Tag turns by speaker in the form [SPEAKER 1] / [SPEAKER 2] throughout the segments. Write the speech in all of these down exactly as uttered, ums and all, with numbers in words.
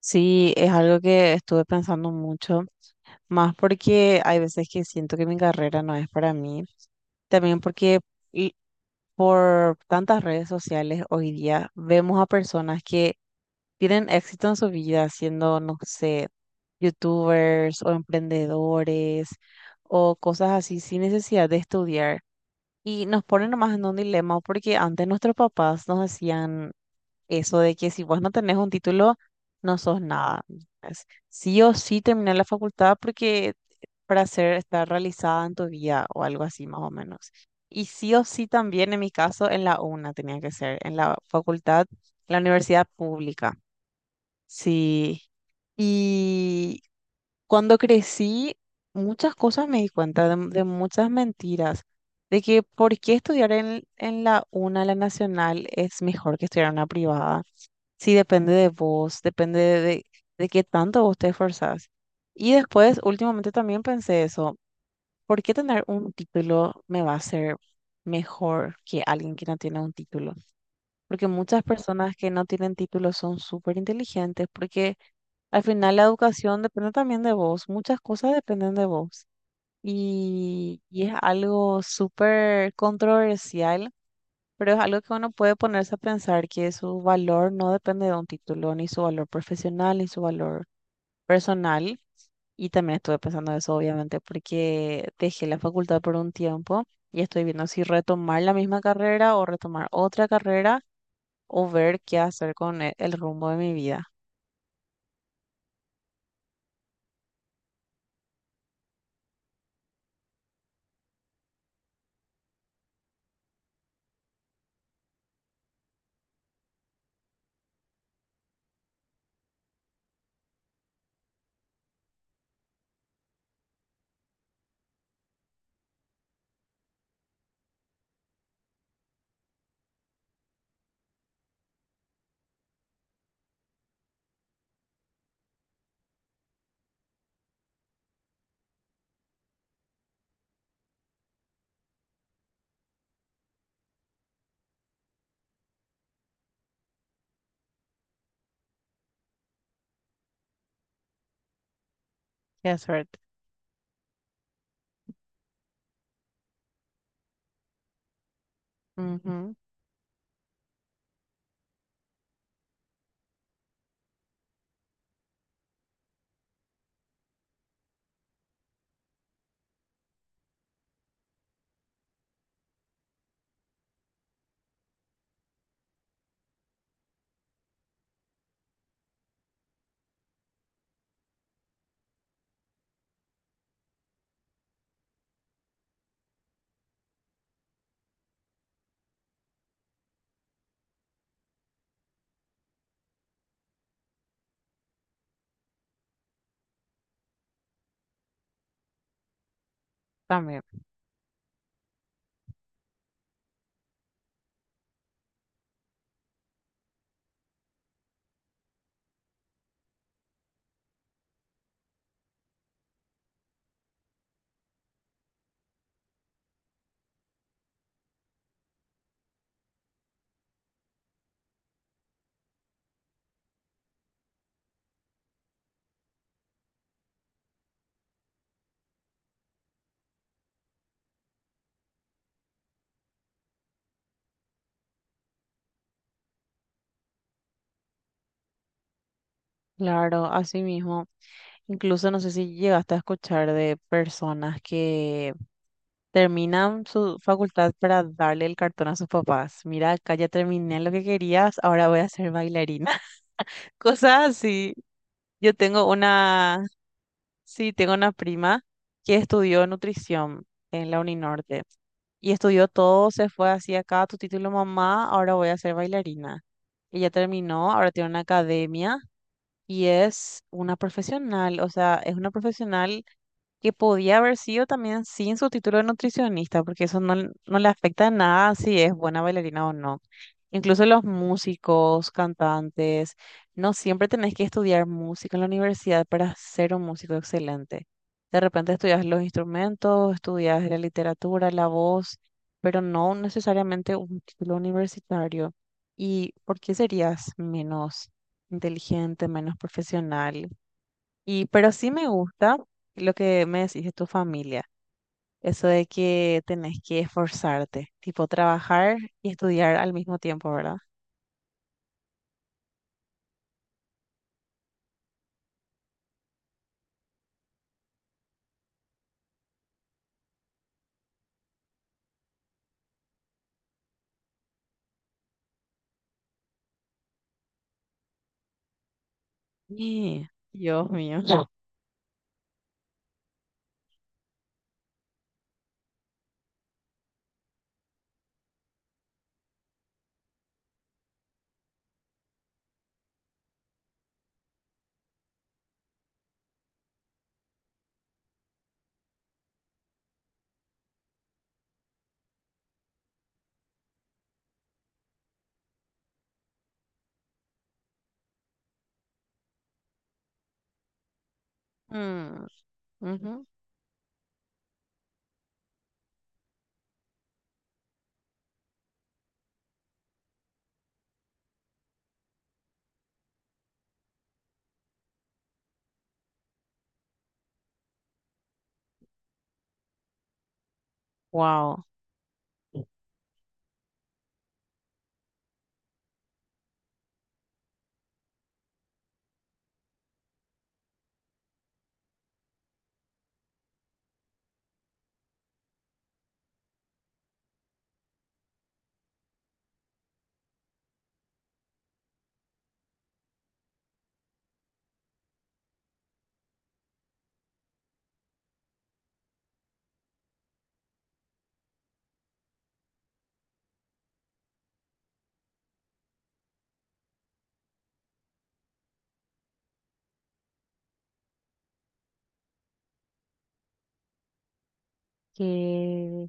[SPEAKER 1] Sí, es algo que estuve pensando mucho, más porque hay veces que siento que mi carrera no es para mí, también porque y por tantas redes sociales hoy día vemos a personas que tienen éxito en su vida siendo, no sé, youtubers o emprendedores o cosas así sin necesidad de estudiar. Y nos ponen nomás en un dilema porque antes nuestros papás nos decían, eso de que si vos no tenés un título, no sos nada. Es sí o sí terminar la facultad porque para ser, estar realizada en tu vida o algo así más o menos. Y sí o sí también en mi caso en la UNA tenía que ser, en la facultad, la universidad pública. Sí. Y cuando crecí, muchas cosas me di cuenta de, de muchas mentiras, de que por qué estudiar en, en la UNA, la nacional, es mejor que estudiar en una privada. Sí, depende de vos, depende de, de, de qué tanto vos te esforzás. Y después, últimamente también pensé eso, ¿por qué tener un título me va a ser mejor que alguien que no tiene un título? Porque muchas personas que no tienen título son súper inteligentes, porque al final la educación depende también de vos, muchas cosas dependen de vos. Y, y es algo súper controversial, pero es algo que uno puede ponerse a pensar que su valor no depende de un título, ni su valor profesional, ni su valor personal. Y también estuve pensando eso, obviamente, porque dejé la facultad por un tiempo y estoy viendo si retomar la misma carrera o retomar otra carrera o ver qué hacer con e- el rumbo de mi vida. Qué suerte. Ujú. También. Claro, así mismo. Incluso no sé si llegaste a escuchar de personas que terminan su facultad para darle el cartón a sus papás. Mira, acá ya terminé lo que querías, ahora voy a ser bailarina. Cosas así. Yo tengo una, sí, tengo una prima que estudió nutrición en la Uninorte y estudió todo, se fue así acá, tu título mamá, ahora voy a ser bailarina. Ella terminó, ahora tiene una academia y es una profesional, o sea, es una profesional que podía haber sido también sin su título de nutricionista, porque eso no, no le afecta en nada si es buena bailarina o no. Incluso los músicos, cantantes, no siempre tenés que estudiar música en la universidad para ser un músico excelente. De repente estudias los instrumentos, estudias la literatura, la voz, pero no necesariamente un título universitario. ¿Y por qué serías menos inteligente, menos profesional? Y, pero sí me gusta lo que me decís de tu familia, eso de que tenés que esforzarte, tipo trabajar y estudiar al mismo tiempo, ¿verdad? Sí. Dios mío. Wow. qué,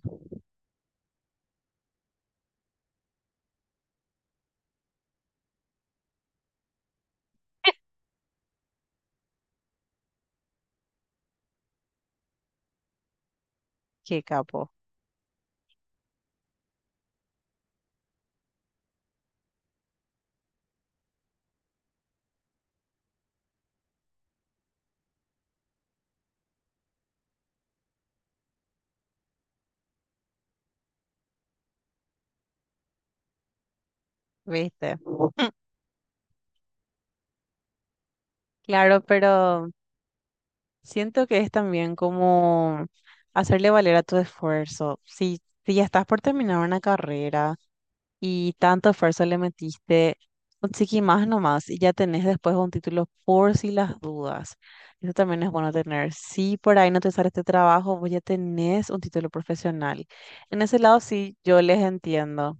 [SPEAKER 1] ¿Qué capo, ¿viste? Claro, pero siento que es también como hacerle valer a tu esfuerzo. Si, si ya estás por terminar una carrera y tanto esfuerzo le metiste, conseguí más nomás y ya tenés después un título por si las dudas. Eso también es bueno tener. Si por ahí no te sale este trabajo, vos ya tenés un título profesional. En ese lado sí, yo les entiendo.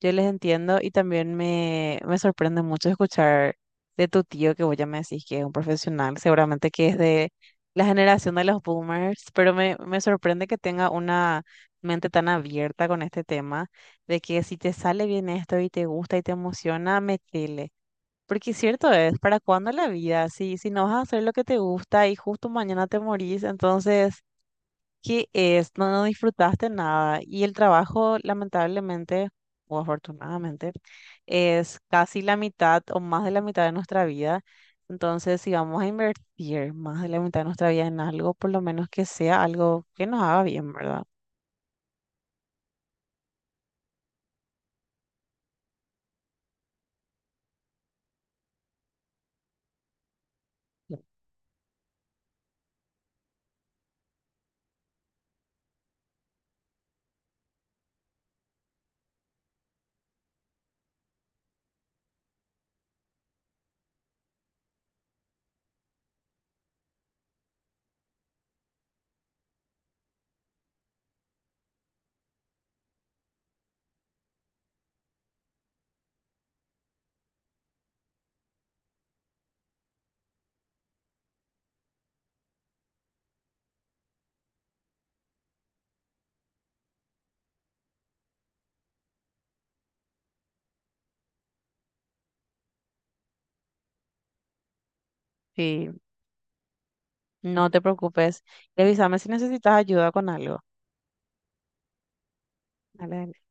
[SPEAKER 1] Yo les entiendo y también me, me sorprende mucho escuchar de tu tío que vos ya me decís que es un profesional, seguramente que es de la generación de los boomers, pero me, me sorprende que tenga una mente tan abierta con este tema, de que si te sale bien esto y te gusta y te emociona, metele. Porque cierto es, ¿para cuándo la vida? Si, si no vas a hacer lo que te gusta y justo mañana te morís, entonces que es, no, no disfrutaste nada. Y el trabajo, lamentablemente, o afortunadamente, es casi la mitad o más de la mitad de nuestra vida. Entonces, si vamos a invertir más de la mitad de nuestra vida en algo, por lo menos que sea algo que nos haga bien, ¿verdad? Sí, no te preocupes. Y avísame si necesitas ayuda con algo. Dale.